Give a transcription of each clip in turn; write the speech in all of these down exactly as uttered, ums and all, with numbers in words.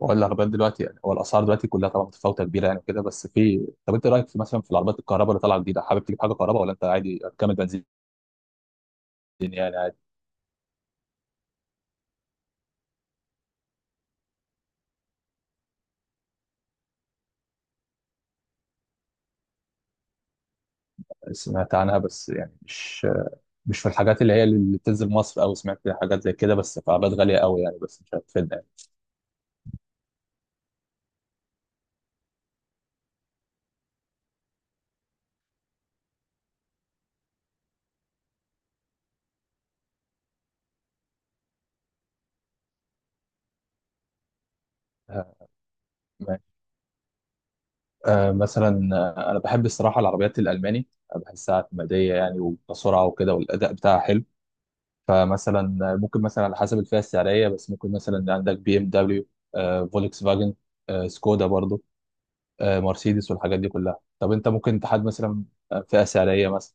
ولا العربيات دلوقتي، يعني هو الاسعار دلوقتي كلها طبعا متفاوته كبيره، يعني وكده بس في طب انت رايك في مثلا في العربيات الكهرباء اللي طالعه جديده؟ حابب تجيب حاجه كهرباء ولا انت عادي هتكمل بنزين؟ يعني عادي. سمعت عنها بس يعني مش مش في الحاجات اللي هي اللي بتنزل مصر، او سمعت حاجات زي كده، بس في عربيات غاليه قوي يعني، بس مش هتفيدنا يعني. آه، ماشي. آه، مثلا آه، انا بحب الصراحه العربيات الالماني، بحسها اعتماديه يعني وكسرعه وكده، والاداء بتاعها حلو. فمثلا ممكن مثلا على حسب الفئه السعريه، بس ممكن مثلا عندك بي ام دبليو، فولكس فاجن، آه، سكودا برضو، آه، مرسيدس والحاجات دي كلها. طب انت ممكن تحدد مثلا آه، فئه سعريه مثلا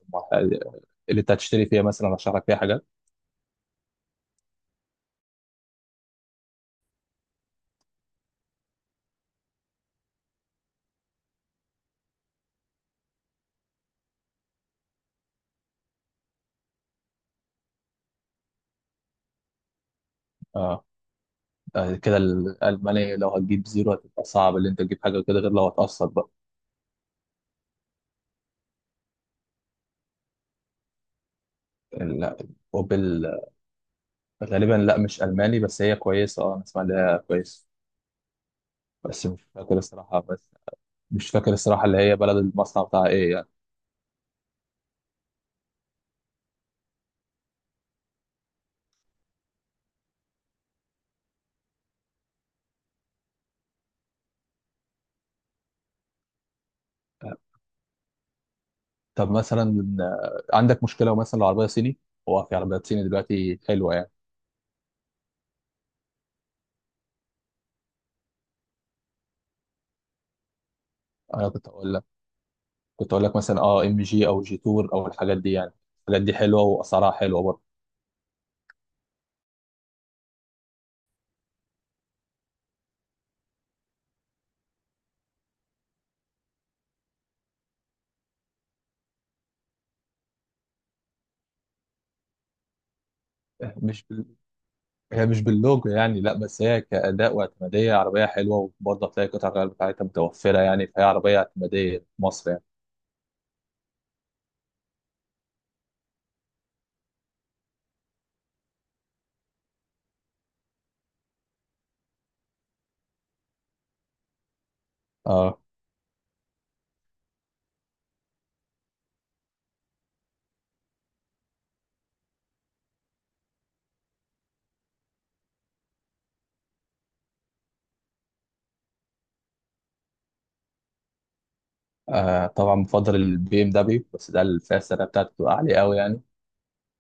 اللي انت هتشتري فيها، مثلا ارشح لك فيها حاجات. اه آه، كده الالماني لو هتجيب زيرو هتبقى صعب اللي انت تجيب حاجه كده، غير لو هتقسط بقى. لا، اوبل غالبا لا مش الماني، بس هي كويسه، اه انا اسمع ان هي كويسه. بس مش فاكر الصراحه، بس مش فاكر الصراحه اللي هي بلد المصنع بتاعها ايه يعني. طب مثلا، آه، عندك مشكله لو مثلا العربيه صيني؟ هو في عربيات صيني دلوقتي حلوه يعني. انا كنت اقول لك كنت اقول لك مثلا اه ام جي او جي تور او الحاجات دي يعني، الحاجات دي حلوه واسعارها حلوه برضه. مش بال... هي مش باللوجو يعني لا، بس هي كاداء واعتماديه عربيه حلوه، وبرضه هتلاقي قطع الغيار بتاعتها متوفره يعني، فهي عربيه اعتماديه في مصر يعني. اه, آه طبعا بفضل البي ام دبليو، بس ده الفئه السعريه بتاعته بتبقى عاليه قوي يعني.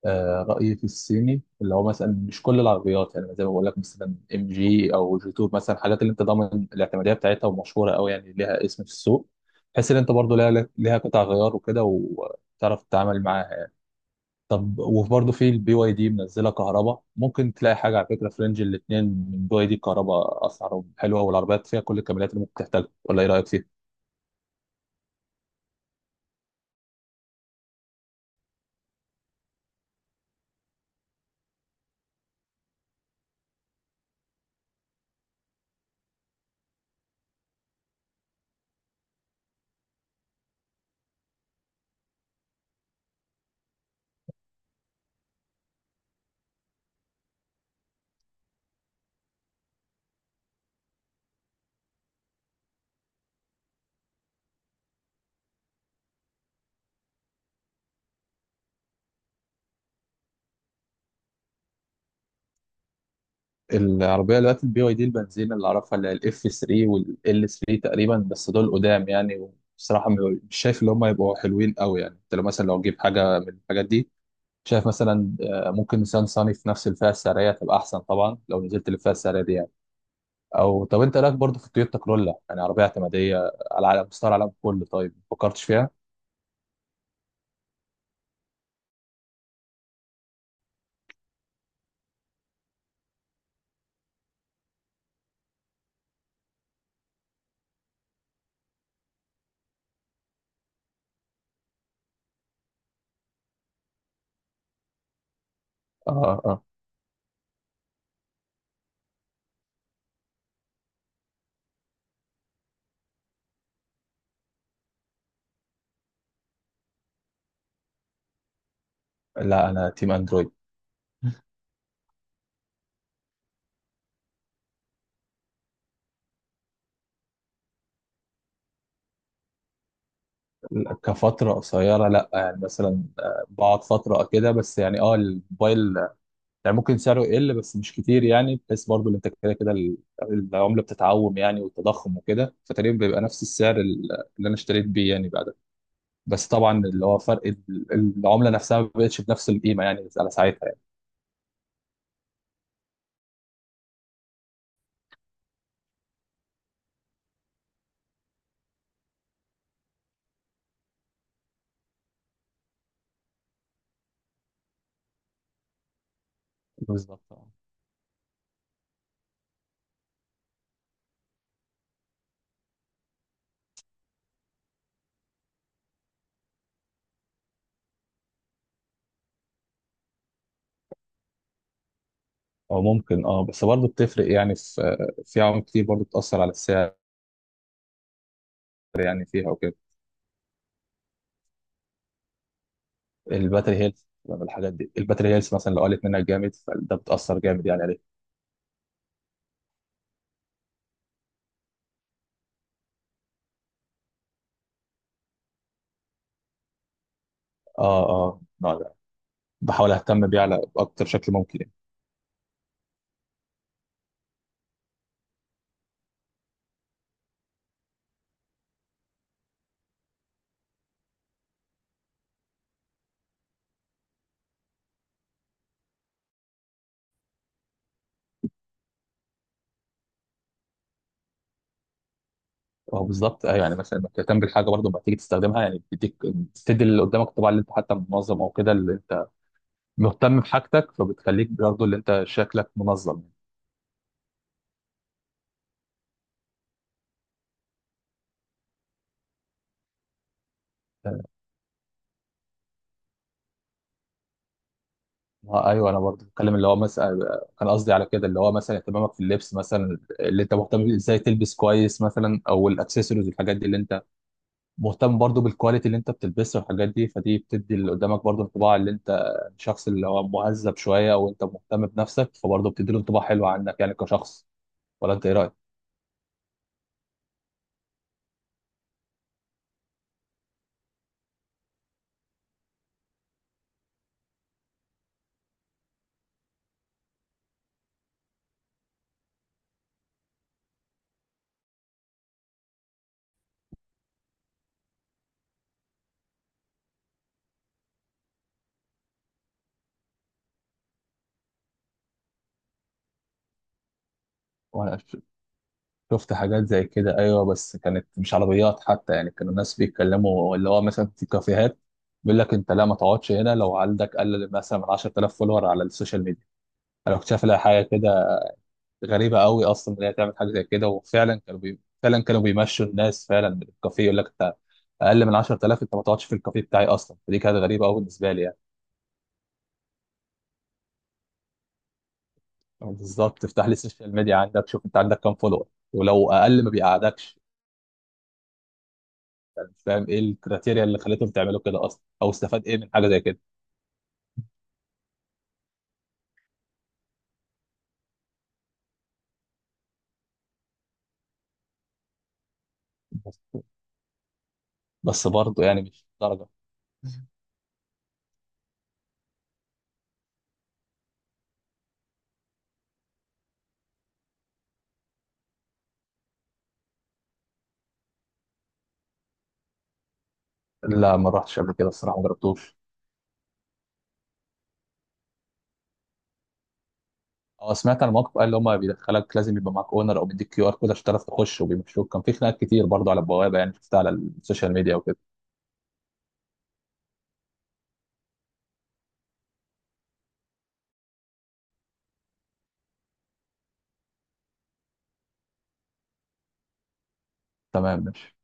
آه، رأيي في الصيني اللي هو مثلا مش كل العربيات يعني، زي ما بقول لك مثلا ام جي او جي تور مثلا، حاجات اللي انت ضامن الاعتماديه بتاعتها ومشهوره قوي يعني، ليها اسم في السوق. تحس ان انت برضو ليها ليها قطع غيار وكده، وتعرف تتعامل معاها يعني. طب وبرضه في البي واي دي منزله كهرباء، ممكن تلاقي حاجه. على فكره، في رينج الاثنين من بي واي دي كهرباء اسعارهم حلوه، والعربيات فيها كل الكماليات اللي ممكن تحتاجها. ولا ايه رايك فيها؟ العربية دلوقتي البي واي دي البنزين اللي أعرفها اللي هي الإف ثلاتة والإل ثلاتة تقريبا، بس دول قدام يعني. بصراحة مش شايف إن هم يبقوا حلوين قوي يعني. أنت لو مثلا لو تجيب حاجة من الحاجات دي، شايف مثلا آه، ممكن نيسان صاني في نفس الفئة السعرية تبقى أحسن، طبعا لو نزلت للفئة السعرية دي يعني. أو طب أنت إيه رأيك برضه في التويوتا كرولا؟ يعني عربية اعتمادية على على مستوى العالم كله، طيب ما فكرتش فيها؟ آه آه. لا، أنا تيم أندرويد. كفترة قصيرة لا يعني، مثلا آه، بقعد فترة كده بس، يعني اه الموبايل يعني ممكن سعره يقل بس مش كتير يعني، بحيث برضو ان انت كده كده ال- العمله بتتعوم يعني، والتضخم وكده، فتقريبا بيبقى نفس السعر ال- اللي انا اشتريت بيه يعني بعدها. بس طبعا اللي هو فرق ال- العمله نفسها ما بقتش بنفس القيمه يعني على ساعتها يعني. بالظبط اه. او ممكن اه، بس برضو بتفرق يعني، في في عوامل كتير برضو بتاثر على السعر يعني فيها وكده. الباتري هيلث. لما الحاجات دي، الباتري هيلث مثلا لو قلت منها جامد، فده بتاثر جامد يعني عليه. اه اه، نوع ده. بحاول اهتم بيه على اكتر شكل ممكن يعني. اه بالظبط، ايوه يعني مثلا انك تهتم بالحاجه برضه لما تيجي تستخدمها يعني، بتديك بتدي اللي قدامك الطباع اللي انت حتى منظم او كده، اللي انت مهتم بحاجتك، فبتخليك برضه اللي انت شكلك منظم. اه ايوه، انا برضه بتكلم اللي هو مثلا كان قصدي على كده اللي هو مثلا اهتمامك في اللبس مثلا، اللي انت مهتم بيه ازاي تلبس كويس مثلا، او الاكسسوارز والحاجات دي اللي انت مهتم برضه بالكواليتي اللي انت بتلبسها والحاجات دي، فدي بتدي اللي قدامك برضه انطباع اللي انت شخص اللي هو مهذب شويه او انت مهتم بنفسك، فبرضه بتدي له انطباع حلو عنك يعني كشخص. ولا انت ايه رايك؟ وانا شفت حاجات زي كده ايوه، بس كانت مش عربيات حتى يعني، كانوا الناس بيتكلموا اللي هو مثلا في كافيهات بيقول لك انت لا ما تقعدش هنا لو عندك اقل مثلا من عشرة آلاف فولور على السوشيال ميديا. انا كنت شايف لها حاجه كده غريبه قوي اصلا ان هي تعمل حاجه زي كده، وفعلا كانوا بي... فعلا كانوا بيمشوا الناس فعلا من الكافيه، يقول لك انت اقل من عشرة آلاف انت ما تقعدش في الكافيه بتاعي اصلا. فدي كانت غريبه قوي بالنسبه لي يعني. بالظبط، افتح لي السوشيال ميديا عندك، شوف انت عندك كام فولور، ولو اقل ما بيقعدكش. مش فاهم ايه الكريتيريا اللي خليتهم تعملوا كده اصلا، او استفاد ايه من حاجه زي كده. بس بس برضه يعني مش درجه. لا، ما رحتش قبل كده الصراحه، ما جربتوش. اه، سمعت عن موقف قال اللي هم بيدخلك لازم يبقى معاك اونر او بيديك كيو ار كود عشان تعرف تخش، وبيمشوك. كان في خناقات كتير برضه على البوابه يعني، شفتها على السوشيال ميديا وكده. تمام، ماشي.